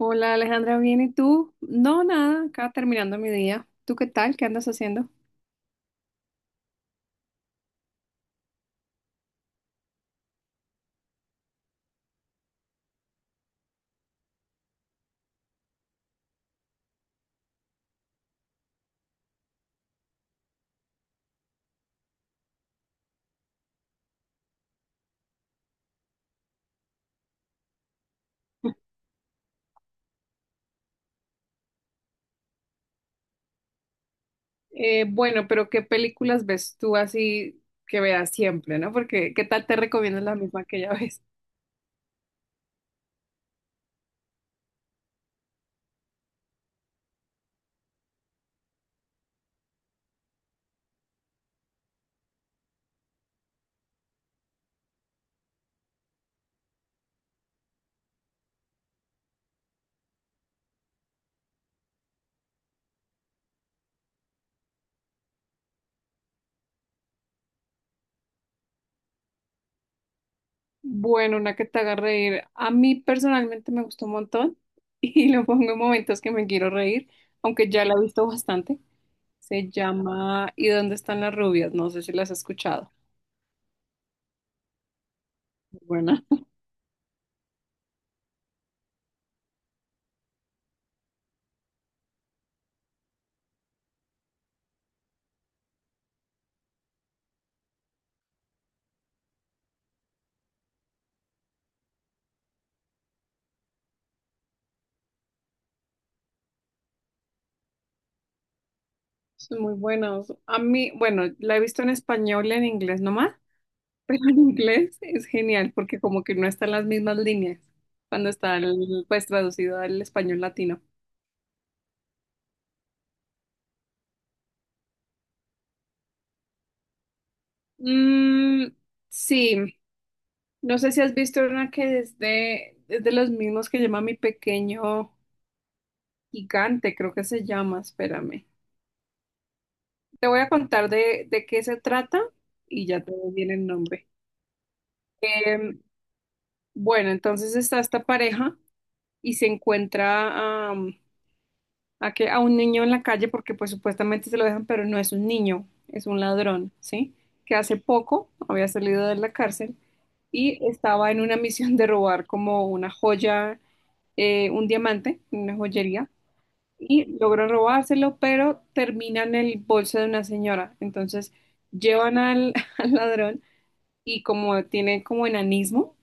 Hola Alejandra, ¿bien y tú? No, nada, acá terminando mi día. ¿Tú qué tal? ¿Qué andas haciendo? Bueno, pero ¿qué películas ves tú así que veas siempre, no? Porque ¿qué tal te recomiendas la misma que ya ves? Bueno, una que te haga reír. A mí personalmente me gustó un montón y lo pongo en momentos que me quiero reír, aunque ya la he visto bastante. Se llama ¿Y dónde están las rubias? No sé si las has escuchado. Muy buena. Son muy buenas. A mí, bueno, la he visto en español y en inglés nomás. Pero en inglés es genial porque como que no están las mismas líneas cuando está el- pues traducido al español latino. Mm, sí, no sé si has visto una que es de los mismos que llama Mi Pequeño Gigante, creo que se llama, espérame. Te voy a contar de qué se trata y ya te doy bien el nombre. Em, Bueno, entonces está esta pareja y se encuentra, a que a un niño en la calle porque pues supuestamente se lo dejan, pero no es un niño, es un ladrón, ¿sí? Que hace poco había salido de la cárcel y estaba en una misión de robar como una joya, un diamante, una joyería, y logró robárselo, pero termina en el bolso de una señora. Entonces llevan al, al ladrón y como tiene como enanismo,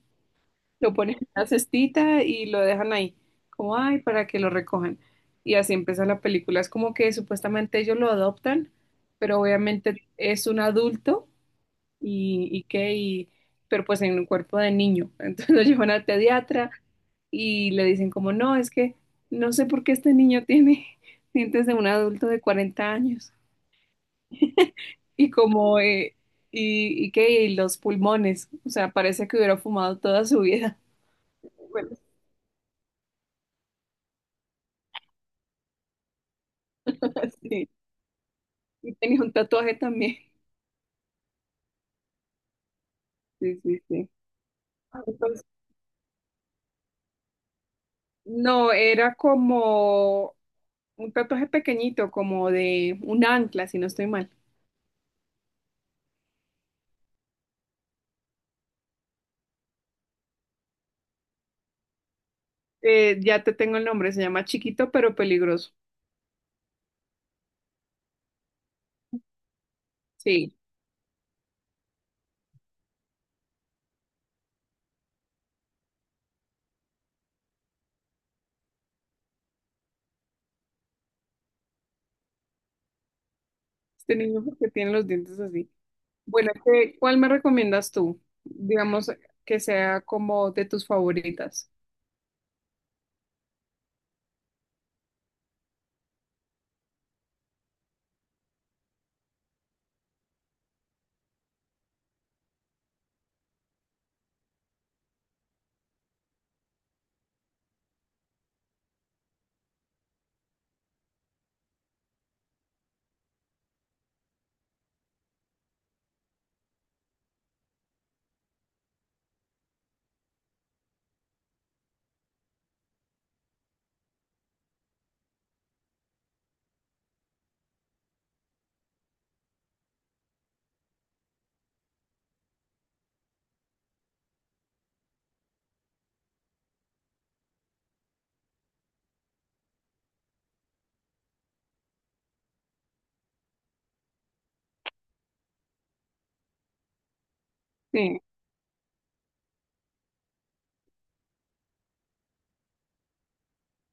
lo ponen en una cestita y lo dejan ahí, como ay, para que lo recojan. Y así empieza la película. Es como que supuestamente ellos lo adoptan, pero obviamente es un adulto y qué, y, pero pues en un cuerpo de niño. Entonces lo llevan al pediatra y le dicen como, no, es que no sé por qué este niño tiene dientes de un adulto de 40 años. Y como, y qué, y los pulmones. O sea, parece que hubiera fumado toda su vida. Bueno, sí. Y tenía un tatuaje también. Sí, sí, sí. Entonces, no, era como un tatuaje pequeñito, como de un ancla, si no estoy mal. Ya te tengo el nombre, se llama Chiquito pero peligroso. Sí, este niño porque tiene los dientes así. Bueno, ¿qué- cuál me recomiendas tú? Digamos que sea como de tus favoritas. Sí,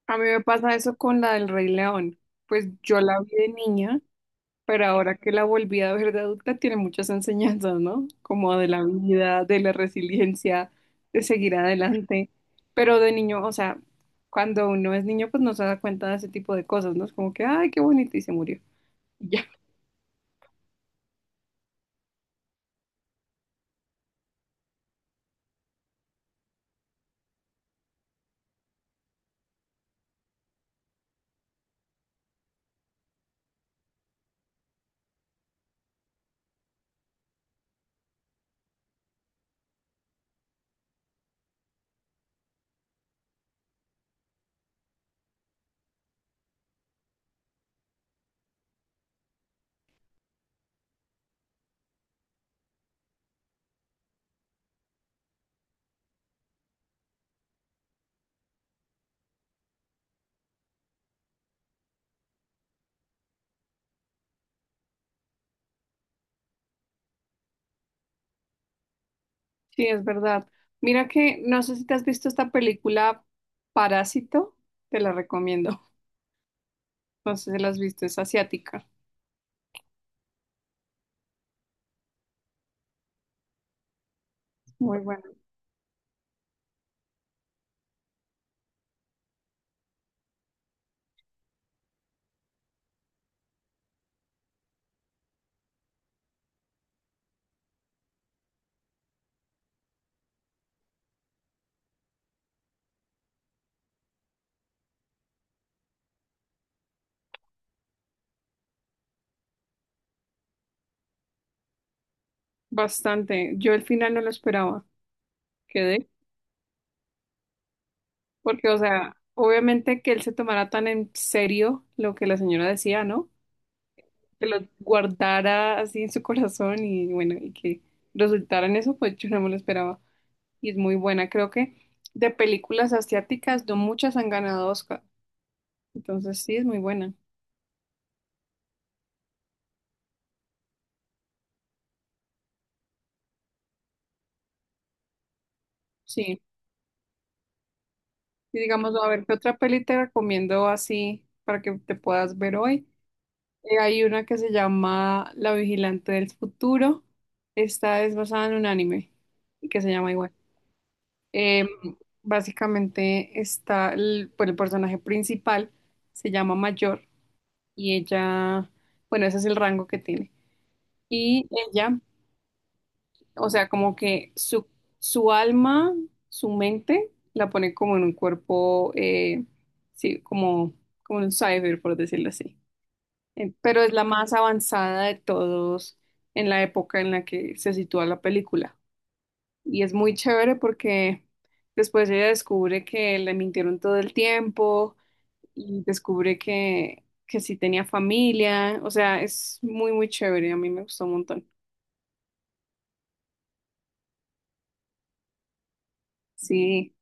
a mí me pasa eso con la del Rey León. Pues yo la vi de niña. Pero ahora que la volví a ver de adulta, tiene muchas enseñanzas, ¿no? Como de la vida, de la resiliencia, de seguir adelante. Pero de niño, o sea, cuando uno es niño, pues no se da cuenta de ese tipo de cosas, ¿no? Es como que, ay, qué bonito, y se murió. Y ya, sí, es verdad. Mira que, no sé si te has visto esta película Parásito, te la recomiendo. No sé si la has visto, es asiática. Muy buena. Bastante. Yo al final no lo esperaba. Quedé. Porque, o sea, obviamente que él se tomara tan en serio lo que la señora decía, ¿no? Que lo guardara así en su corazón y bueno, y que resultara en eso, pues yo no me lo esperaba. Y es muy buena. Creo que de películas asiáticas no muchas han ganado Oscar. Entonces sí, es muy buena. Sí. Y digamos, a ver, ¿qué otra peli te recomiendo así para que te puedas ver hoy? Hay una que se llama La Vigilante del Futuro. Esta es basada en un anime y que se llama igual. Eh, Básicamente está el, pues, el personaje principal, se llama Mayor y ella, bueno, ese es el rango que tiene. Y ella, o sea, como que su alma, su mente, la pone como en un cuerpo, sí, como, como en un cyber, por decirlo así. Pero es la más avanzada de todos en la época en la que se sitúa la película. Y es muy chévere porque después ella descubre que le mintieron todo el tiempo y descubre que sí tenía familia. O sea, es muy, muy chévere. A mí me gustó un montón. Sí,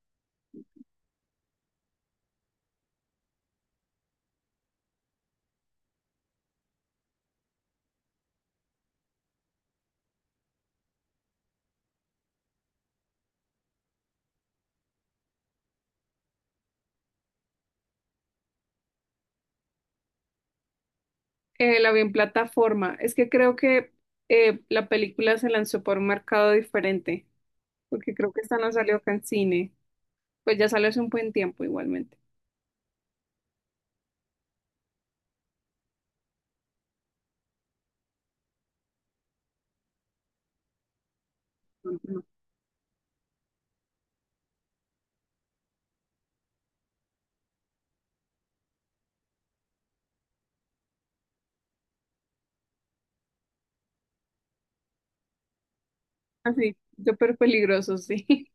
La vi en plataforma. Es que creo que la película se lanzó por un mercado diferente, porque creo que esta no salió acá en cine. Pues ya salió hace un buen tiempo igualmente. Ujú. Así, súper peligroso, sí.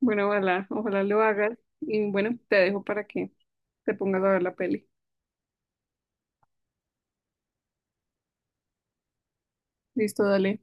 Bueno, ojalá, ojalá lo hagas. Y bueno, te dejo para que te pongas a ver la peli. Listo, dale.